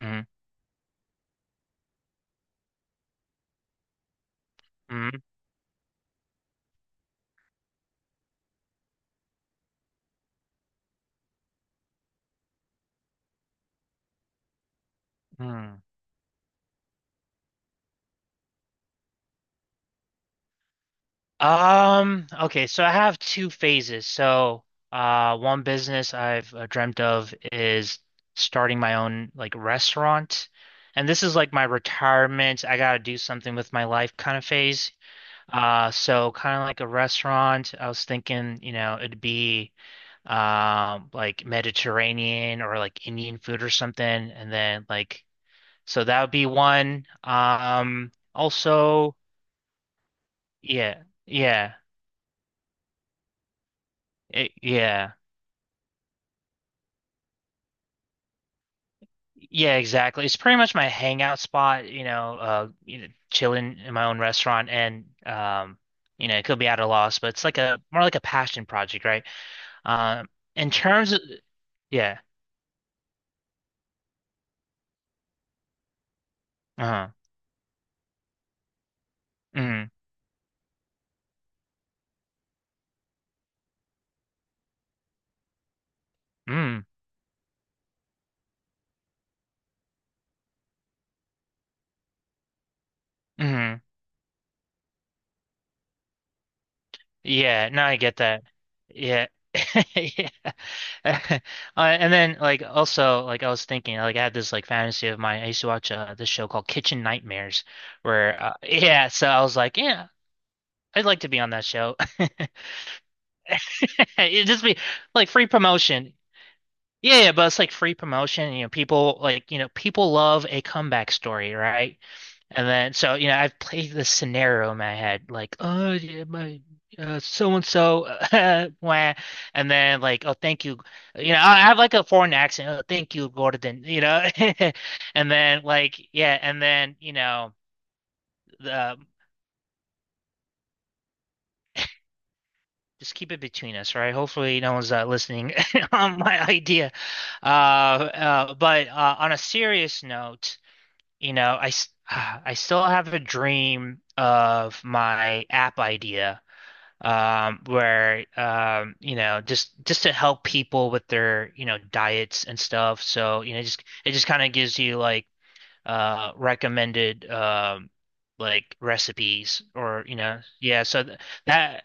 Mhm, mhm, mhm. Okay, so I have two phases. One business I've dreamt of is starting my own like restaurant. And this is like my retirement. I gotta do something with my life kind of phase. So kind of like a restaurant. I was thinking, you know, it'd be like Mediterranean or like Indian food or something. And then like so that would be one. Also. Yeah, yeah, it, yeah, yeah, exactly. It's pretty much my hangout spot, you know, chilling in my own restaurant, and, you know, it could be at a loss, but it's like a more like a passion project, right? Um, in terms of, yeah, uh-huh, mm, mm, mm, yeah, no, I get that, yeah. Yeah. And then like also like I was thinking like I had this like fantasy of mine. I used to watch this show called Kitchen Nightmares where yeah so I was like yeah I'd like to be on that show. It'd just be like free promotion. Yeah, yeah, but it's like free promotion. You know, people like, you know, people love a comeback story, right? And then so, you know, I've played this scenario in my head, like, oh yeah, my so and so, wah, and then like, oh, thank you. You know, I have like a foreign accent. Oh, thank you, Gordon. You know, and then like, yeah, and then you know. The. Just keep it between us, right? Hopefully, no one's listening on my idea. But on a serious note, you know, I I still have a dream of my app idea, where you know, just to help people with their you know diets and stuff. So you know, just it just kind of gives you like recommended like recipes or you know, yeah. So th that.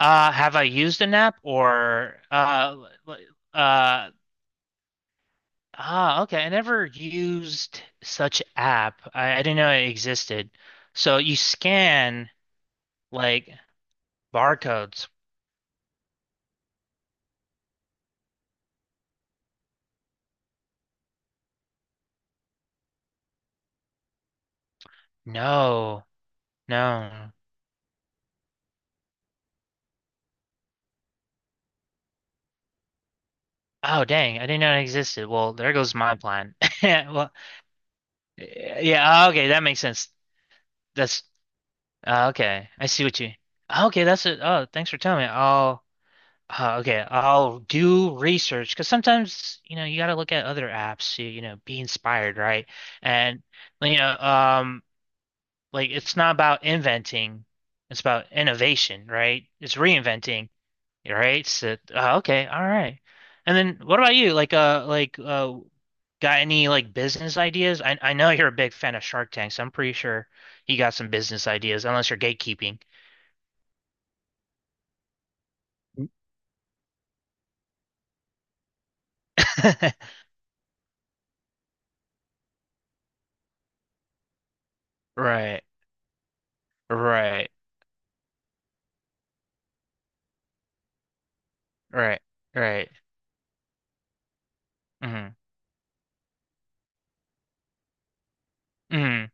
Have I used an app or uh, okay. I never used such app. I didn't know it existed. So you scan like barcodes. No, no. Oh, dang. I didn't know it existed. Well, there goes my plan. Well, yeah, okay. That makes sense. That's okay. I see what you. Okay, that's it. Oh, thanks for telling me. I'll Okay, I'll do research because sometimes, you know, you got to look at other apps to, you know, be inspired, right? And, you know, like it's not about inventing, it's about innovation, right? It's reinventing, right? So, okay, all right. And then what about you? Got any like business ideas? I know you're a big fan of Shark Tank, so I'm pretty sure you got some business ideas, unless you're gatekeeping. Right, right, right, right. Mm-hmm. Mm,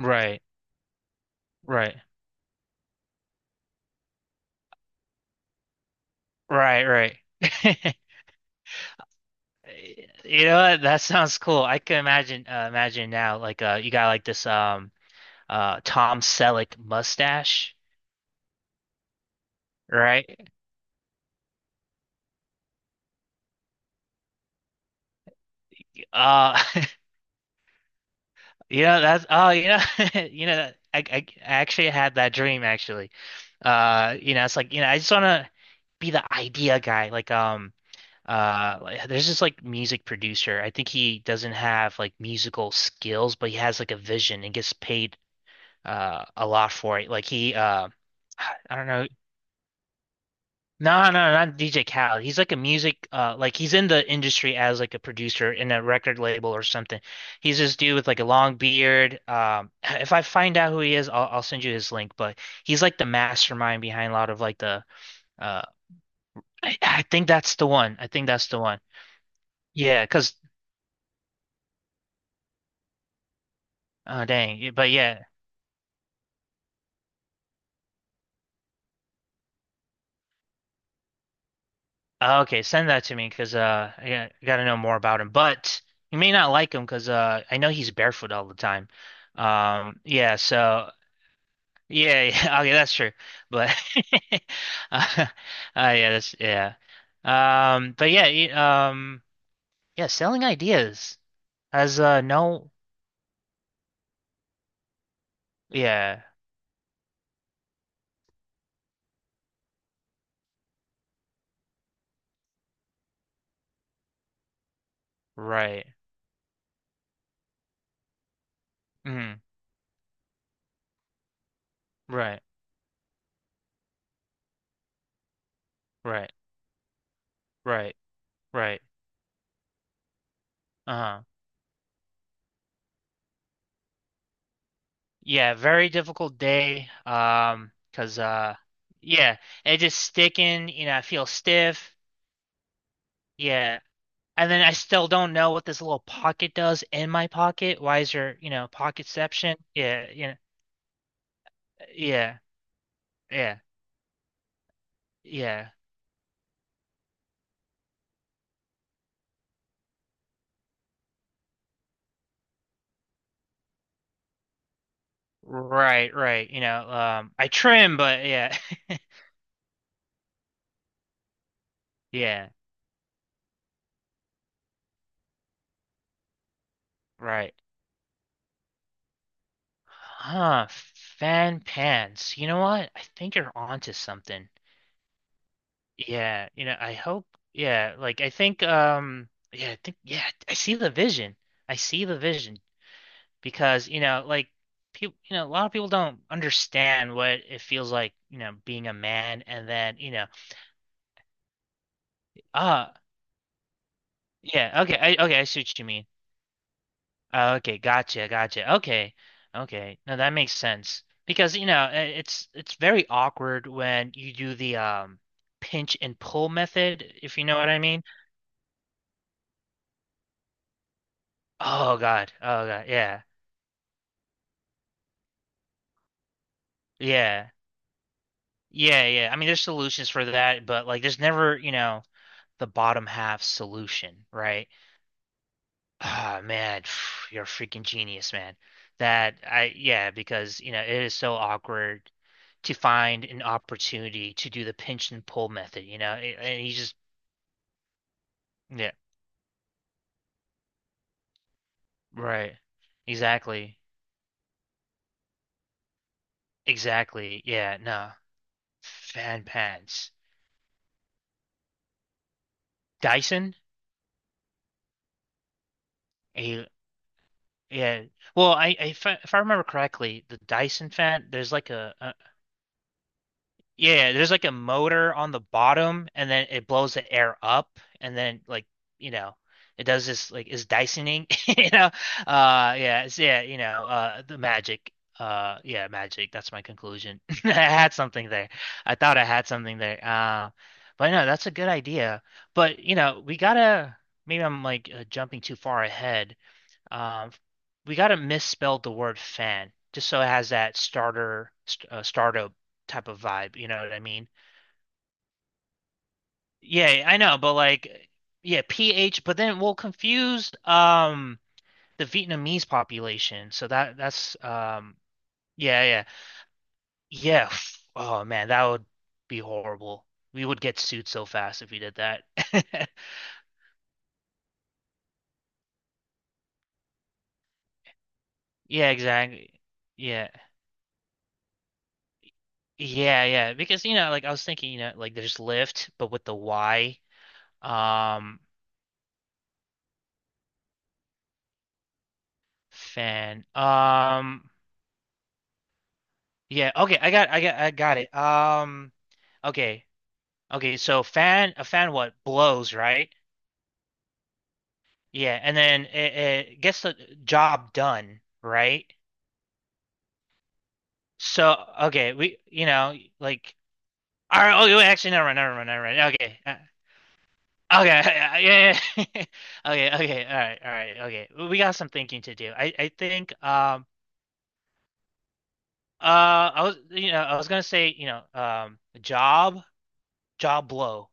right, right, right, right. You know what? That sounds cool. I can imagine imagine now like you got like this Tom Selleck mustache, right? Uh you know that's oh you know you know, I I actually had that dream actually. You know it's like you know I just want to be the idea guy like, there's this like music producer. I think he doesn't have like musical skills, but he has like a vision and gets paid a lot for it. Like he I don't know. No, no, not DJ Khaled. He's like a music like he's in the industry as like a producer in a record label or something. He's this dude with like a long beard. If I find out who he is, I'll send you his link, but he's like the mastermind behind a lot of like the uh I think that's the one. I think that's the one. Yeah, 'cause dang. But yeah, okay, send that to me because I got- I gotta know more about him. But you may not like him because I know he's barefoot all the time. Yeah. So yeah, yeah. Okay, that's true. But uh, yeah, that's yeah. Um, but yeah, y- um, yeah. Selling ideas has no. Yeah. Right. Mm. Right. Right. Right. Right. Uh-huh. Yeah, very difficult day. 'Cause yeah, it just sticking, you know, I feel stiff. Yeah. And then I still don't know what this little pocket does in my pocket. Why is there, you know, pocketception? Yeah, you know, yeah, yeah, yeah. Right, right. You know, I trim, but yeah. Yeah, right. Huh, fan pants. You know what? I think you're onto something. Yeah, you know, I hope yeah, like I think yeah, I think yeah, I see the vision. I see the vision because, you know, like people, you know, a lot of people don't understand what it feels like, you know, being a man and then, you know, uh yeah, okay, I see what you mean. Okay, gotcha, gotcha. Okay. Okay. No, that makes sense. Because, you know, I- It's very awkward when you do the pinch and pull method, if you know what I mean. Oh God. Oh God. Yeah. Yeah. Yeah, yeah. I mean, there's solutions for that, but like there's never, you know, the bottom half solution, right? Ah, man, you're a freaking genius, man. That I yeah, because, you know, it is so awkward to find an opportunity to do the pinch and pull method, you know? It- and he just yeah, right. Exactly. Exactly. Yeah, no. Fan pants. Dyson? A yeah. Well, if I remember correctly, the Dyson fan, there's like a Yeah, there's like a motor on the bottom and then it blows the air up and then like, you know, it does this like is Dysoning, you know. Yeah, it's yeah, you know, the magic. Yeah, magic. That's my conclusion. I had something there. I thought I had something there. But no, that's a good idea. But you know, we gotta maybe I'm like jumping too far ahead, um, we got to misspell the word fan just so it has that starter st startup type of vibe. You know what I mean? Yeah, I know, but like, yeah, PH. But then we'll confuse the Vietnamese population. So that that's yeah yeah yeah. f- Oh man, that would be horrible. We would get sued so fast if we did that. Yeah, exactly. Yeah. Yeah, yeah. Because, you know, like I was thinking, you know, like there's Lyft, but with the Y Um, fan. Yeah. Okay, I got it. Okay, okay. So fan, a fan, what blows, right? Yeah, and then it gets the job done, right? So okay, we, you know, like, all right. Oh, wait, actually, never mind. Okay, okay, yeah, yeah. yeah. Okay, okay, all right, okay. We got some thinking to do. I think, I was, you know, I was gonna say, you know, job. Jaw blow.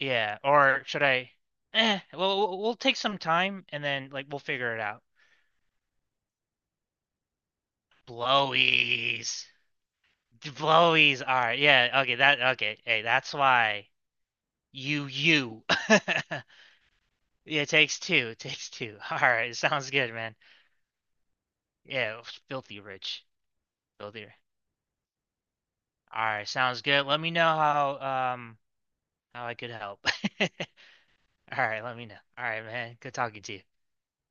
Yeah. Or should I? Eh. Well, we'll take some time and then like we'll figure it out. Blowies. Blowies are. Yeah. Okay. That. Okay. Hey, that's why you. Yeah. It takes two. It takes two. All right. Sounds good, man. Yeah. Filthy rich. Filthy. Ri- All right. Sounds good. Let me know how I could help. All right. Let me know. All right, man. Good talking to you.